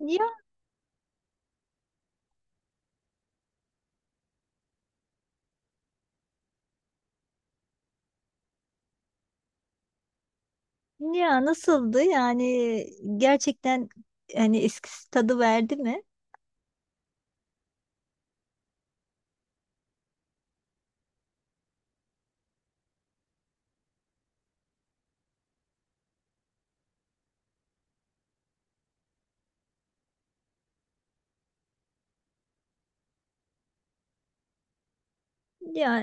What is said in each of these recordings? Ya, ya nasıldı? Yani gerçekten, hani eskisi tadı verdi mi? Ya,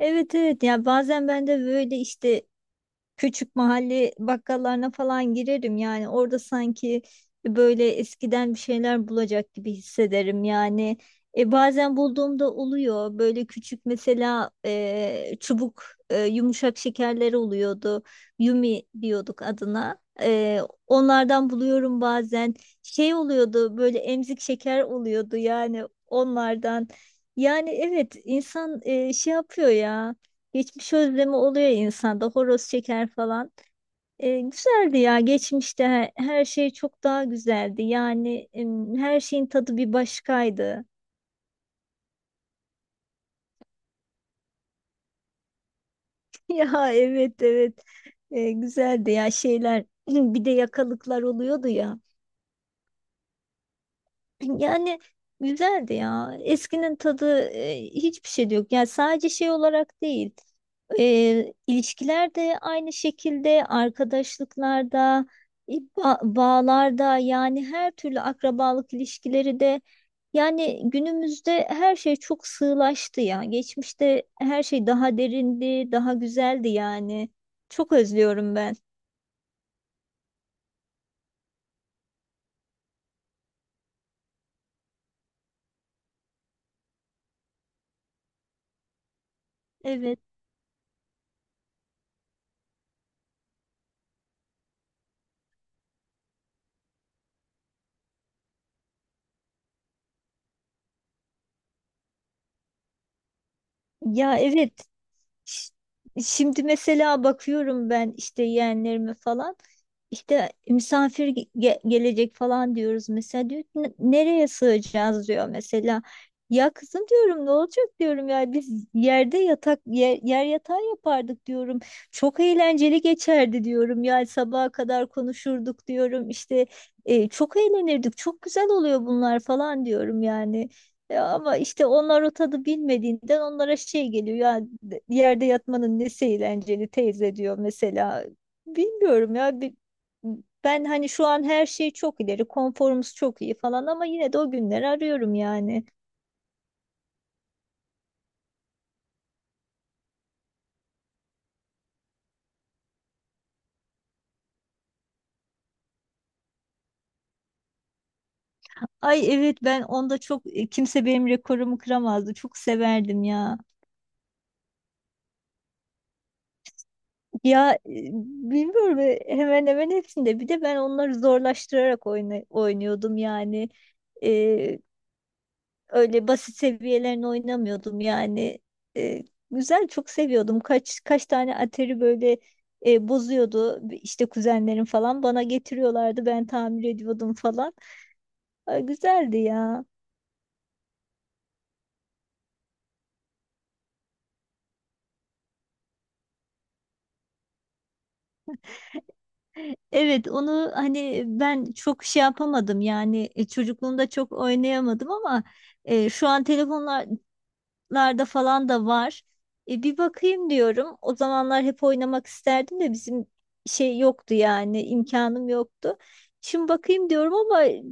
evet evet, ya bazen ben de böyle, işte küçük mahalle bakkallarına falan girerim, yani orada sanki böyle eskiden bir şeyler bulacak gibi hissederim yani. Bazen bulduğumda oluyor, böyle küçük, mesela çubuk yumuşak şekerler oluyordu, Yumi diyorduk adına. Onlardan buluyorum bazen. Şey oluyordu böyle, emzik şeker oluyordu yani, onlardan. Yani evet, insan şey yapıyor ya, geçmiş özlemi oluyor insanda, horoz çeker falan. Güzeldi ya, geçmişte her şey çok daha güzeldi. Yani her şeyin tadı bir başkaydı. Ya, evet evet. Güzeldi ya şeyler. Bir de yakalıklar oluyordu ya. Yani güzeldi ya. Eskinin tadı hiçbir şey de yok. Yani sadece şey olarak değil. İlişkiler de aynı şekilde, arkadaşlıklarda, bağlarda, yani her türlü akrabalık ilişkileri de. Yani günümüzde her şey çok sığlaştı ya. Geçmişte her şey daha derindi, daha güzeldi yani. Çok özlüyorum ben. Evet. Ya, evet. Ş- Şimdi mesela bakıyorum ben, işte yeğenlerime falan, işte misafir gelecek falan diyoruz mesela, diyor ki, Nereye sığacağız," diyor mesela. Ya kızım diyorum, ne olacak diyorum, ya biz yerde yer yatağı yapardık diyorum. Çok eğlenceli geçerdi diyorum, ya sabaha kadar konuşurduk diyorum işte, çok eğlenirdik, çok güzel oluyor bunlar falan diyorum yani. Ya ama işte onlar o tadı bilmediğinden onlara şey geliyor ya, yerde yatmanın nesi eğlenceli teyze, diyor mesela. Bilmiyorum ya. Ben hani, şu an her şey çok ileri, konforumuz çok iyi falan, ama yine de o günleri arıyorum yani. Ay evet, ben onda çok, kimse benim rekorumu kıramazdı, çok severdim ya. Ya e, Bilmiyorum, hemen hemen hepsinde. Bir de ben onları zorlaştırarak oynuyordum yani. E, Öyle basit seviyelerini oynamıyordum yani. E, Güzel, çok seviyordum. Kaç kaç tane atari böyle bozuyordu, işte kuzenlerim falan bana getiriyorlardı, ben tamir ediyordum falan. Ay, güzeldi ya. Evet onu hani ben çok şey yapamadım yani, çocukluğumda çok oynayamadım, ama şu an telefonlar larda falan da var. Bir bakayım diyorum. O zamanlar hep oynamak isterdim de bizim şey yoktu yani, imkanım yoktu. Şimdi bakayım diyorum ama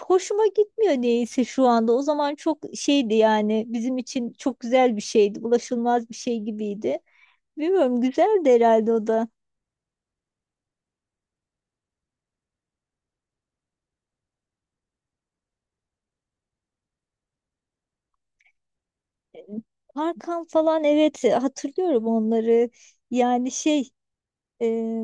hoşuma gitmiyor neyse şu anda. O zaman çok şeydi yani, bizim için çok güzel bir şeydi. Ulaşılmaz bir şey gibiydi. Bilmiyorum, güzeldi herhalde o da. Parkan falan, evet hatırlıyorum onları. Yani şey, e,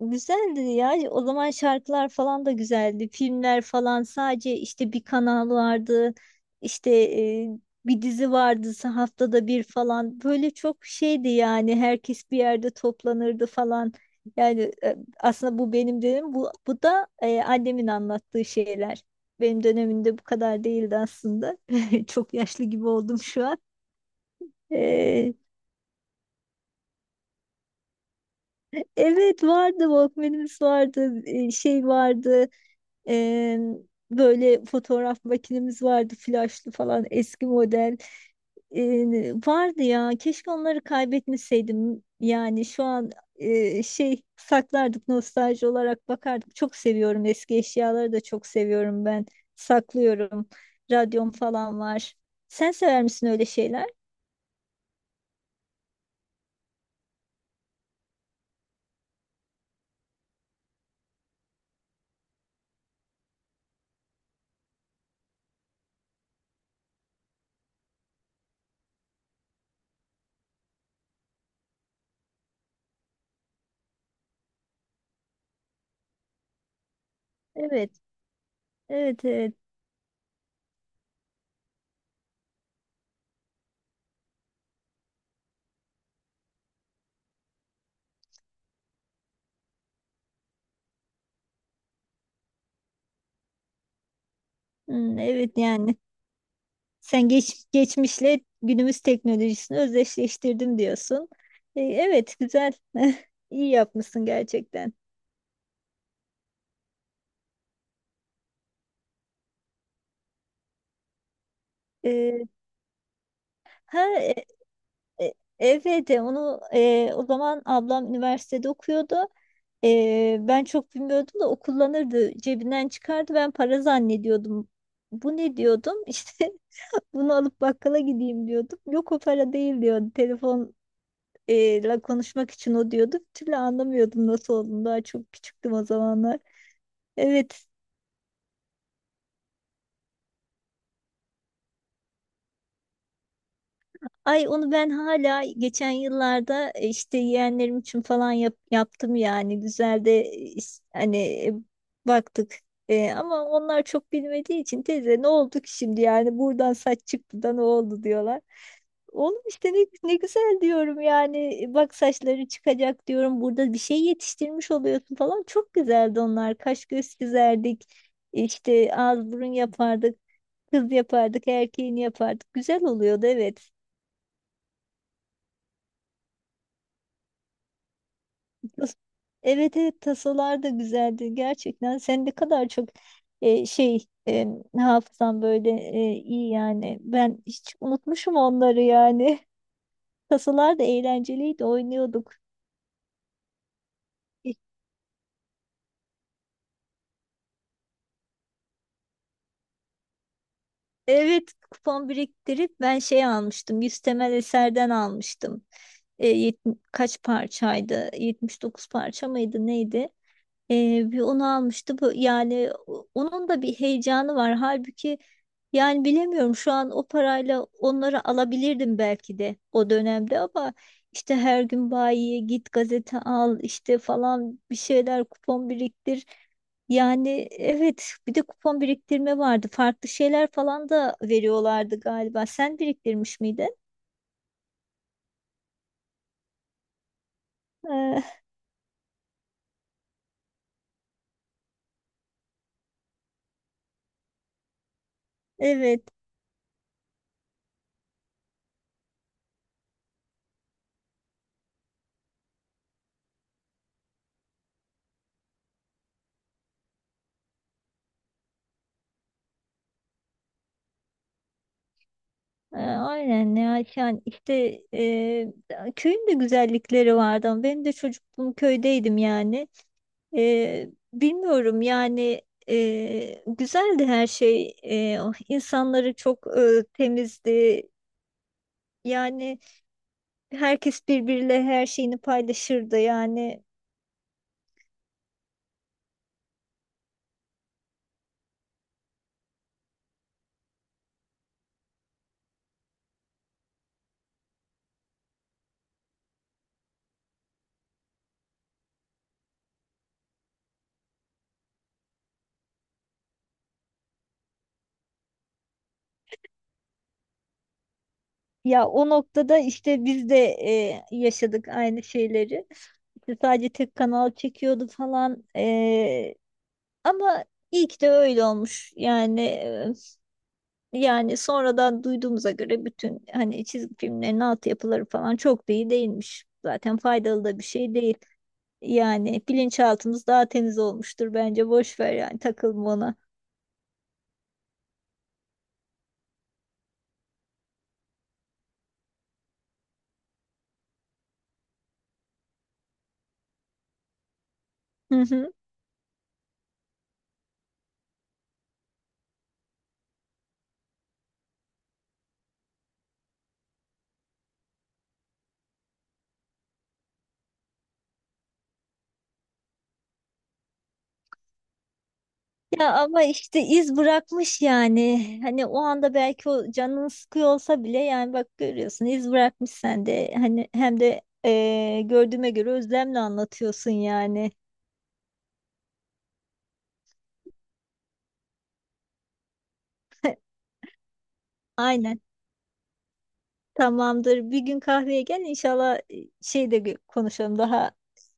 güzeldi ya. O zaman şarkılar falan da güzeldi. Filmler falan, sadece işte bir kanal vardı. İşte bir dizi vardı, haftada bir falan. Böyle çok şeydi yani. Herkes bir yerde toplanırdı falan. Yani aslında bu benim dönemim. Bu da annemin anlattığı şeyler. Benim dönemimde bu kadar değildi aslında. Çok yaşlı gibi oldum şu an. E, evet vardı. Walkman'imiz vardı. Şey vardı. Ee, Böyle fotoğraf makinemiz vardı, flaşlı falan, eski model. Vardı ya, keşke onları kaybetmeseydim. Yani şu an şey saklardık, nostalji olarak bakardık. Çok seviyorum, eski eşyaları da çok seviyorum ben. Saklıyorum. Radyom falan var. Sen sever misin öyle şeyler? Evet. Evet, evet. Hmm, evet yani. Sen geçmişle günümüz teknolojisini özdeşleştirdim diyorsun. Evet, güzel. İyi yapmışsın gerçekten. E, ha e, e, evet, onu, o zaman ablam üniversitede okuyordu. Ben çok bilmiyordum da, o kullanırdı. Cebinden çıkardı, ben para zannediyordum. Bu ne, diyordum. İşte bunu alıp bakkala gideyim diyordum. Yok, o para değil diyordu. Telefonla konuşmak için o, diyordu. Bir türlü anlamıyordum nasıl olduğunu. Daha çok küçüktüm o zamanlar. Evet. Ay, onu ben hala geçen yıllarda, işte yeğenlerim için falan yaptım yani, güzel de hani, baktık. Ama onlar çok bilmediği için, teyze ne oldu ki şimdi, yani buradan saç çıktı da ne oldu, diyorlar. Oğlum işte, ne güzel diyorum yani. Bak, saçları çıkacak diyorum, burada bir şey yetiştirmiş oluyorsun falan, çok güzeldi onlar, kaş göz çizerdik, işte ağız burun yapardık, kız yapardık, erkeğini yapardık, güzel oluyordu, evet. Tas- Evet, evet, tasolar da güzeldi gerçekten. Sen ne kadar çok, şey, hafızan böyle iyi yani. Ben hiç unutmuşum onları yani. Tasolar da eğlenceliydi, oynuyorduk. E, Evet, kupon biriktirip ben şey almıştım. 100 temel eserden almıştım. Kaç parçaydı? 79 parça mıydı, neydi? Bir onu almıştı. Bu, yani onun da bir heyecanı var. Halbuki yani, bilemiyorum, şu an o parayla onları alabilirdim belki de o dönemde, ama işte her gün bayiye git, gazete al işte falan, bir şeyler kupon biriktir. Yani evet, bir de kupon biriktirme vardı. Farklı şeyler falan da veriyorlardı galiba. Sen biriktirmiş miydin? Ee, evet. Aynen ya, yani işte köyün de güzellikleri vardı, ama ben de çocukluğum köydeydim yani. Bilmiyorum yani, güzeldi her şey. O insanları çok, temizdi. Yani herkes birbiriyle her şeyini paylaşırdı yani. Ya, o noktada işte biz de yaşadık aynı şeyleri. İşte sadece tek kanal çekiyordu falan. Ama iyi ki de öyle olmuş. Yani sonradan duyduğumuza göre bütün hani çizgi filmlerin altyapıları falan çok da iyi değilmiş. Zaten faydalı da bir şey değil. Yani bilinçaltımız daha temiz olmuştur bence. Boş ver, yani takılma ona. Hı hı. Ya ama işte iz bırakmış yani. Hani o anda belki o canın sıkıyor olsa bile, yani bak görüyorsun iz bırakmış sende. Hani hem de gördüğüme göre özlemle anlatıyorsun yani. Aynen. Tamamdır. Bir gün kahveye gel inşallah, şey de konuşalım, daha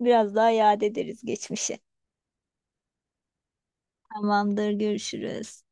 biraz daha yad ederiz geçmişi. Tamamdır. Görüşürüz.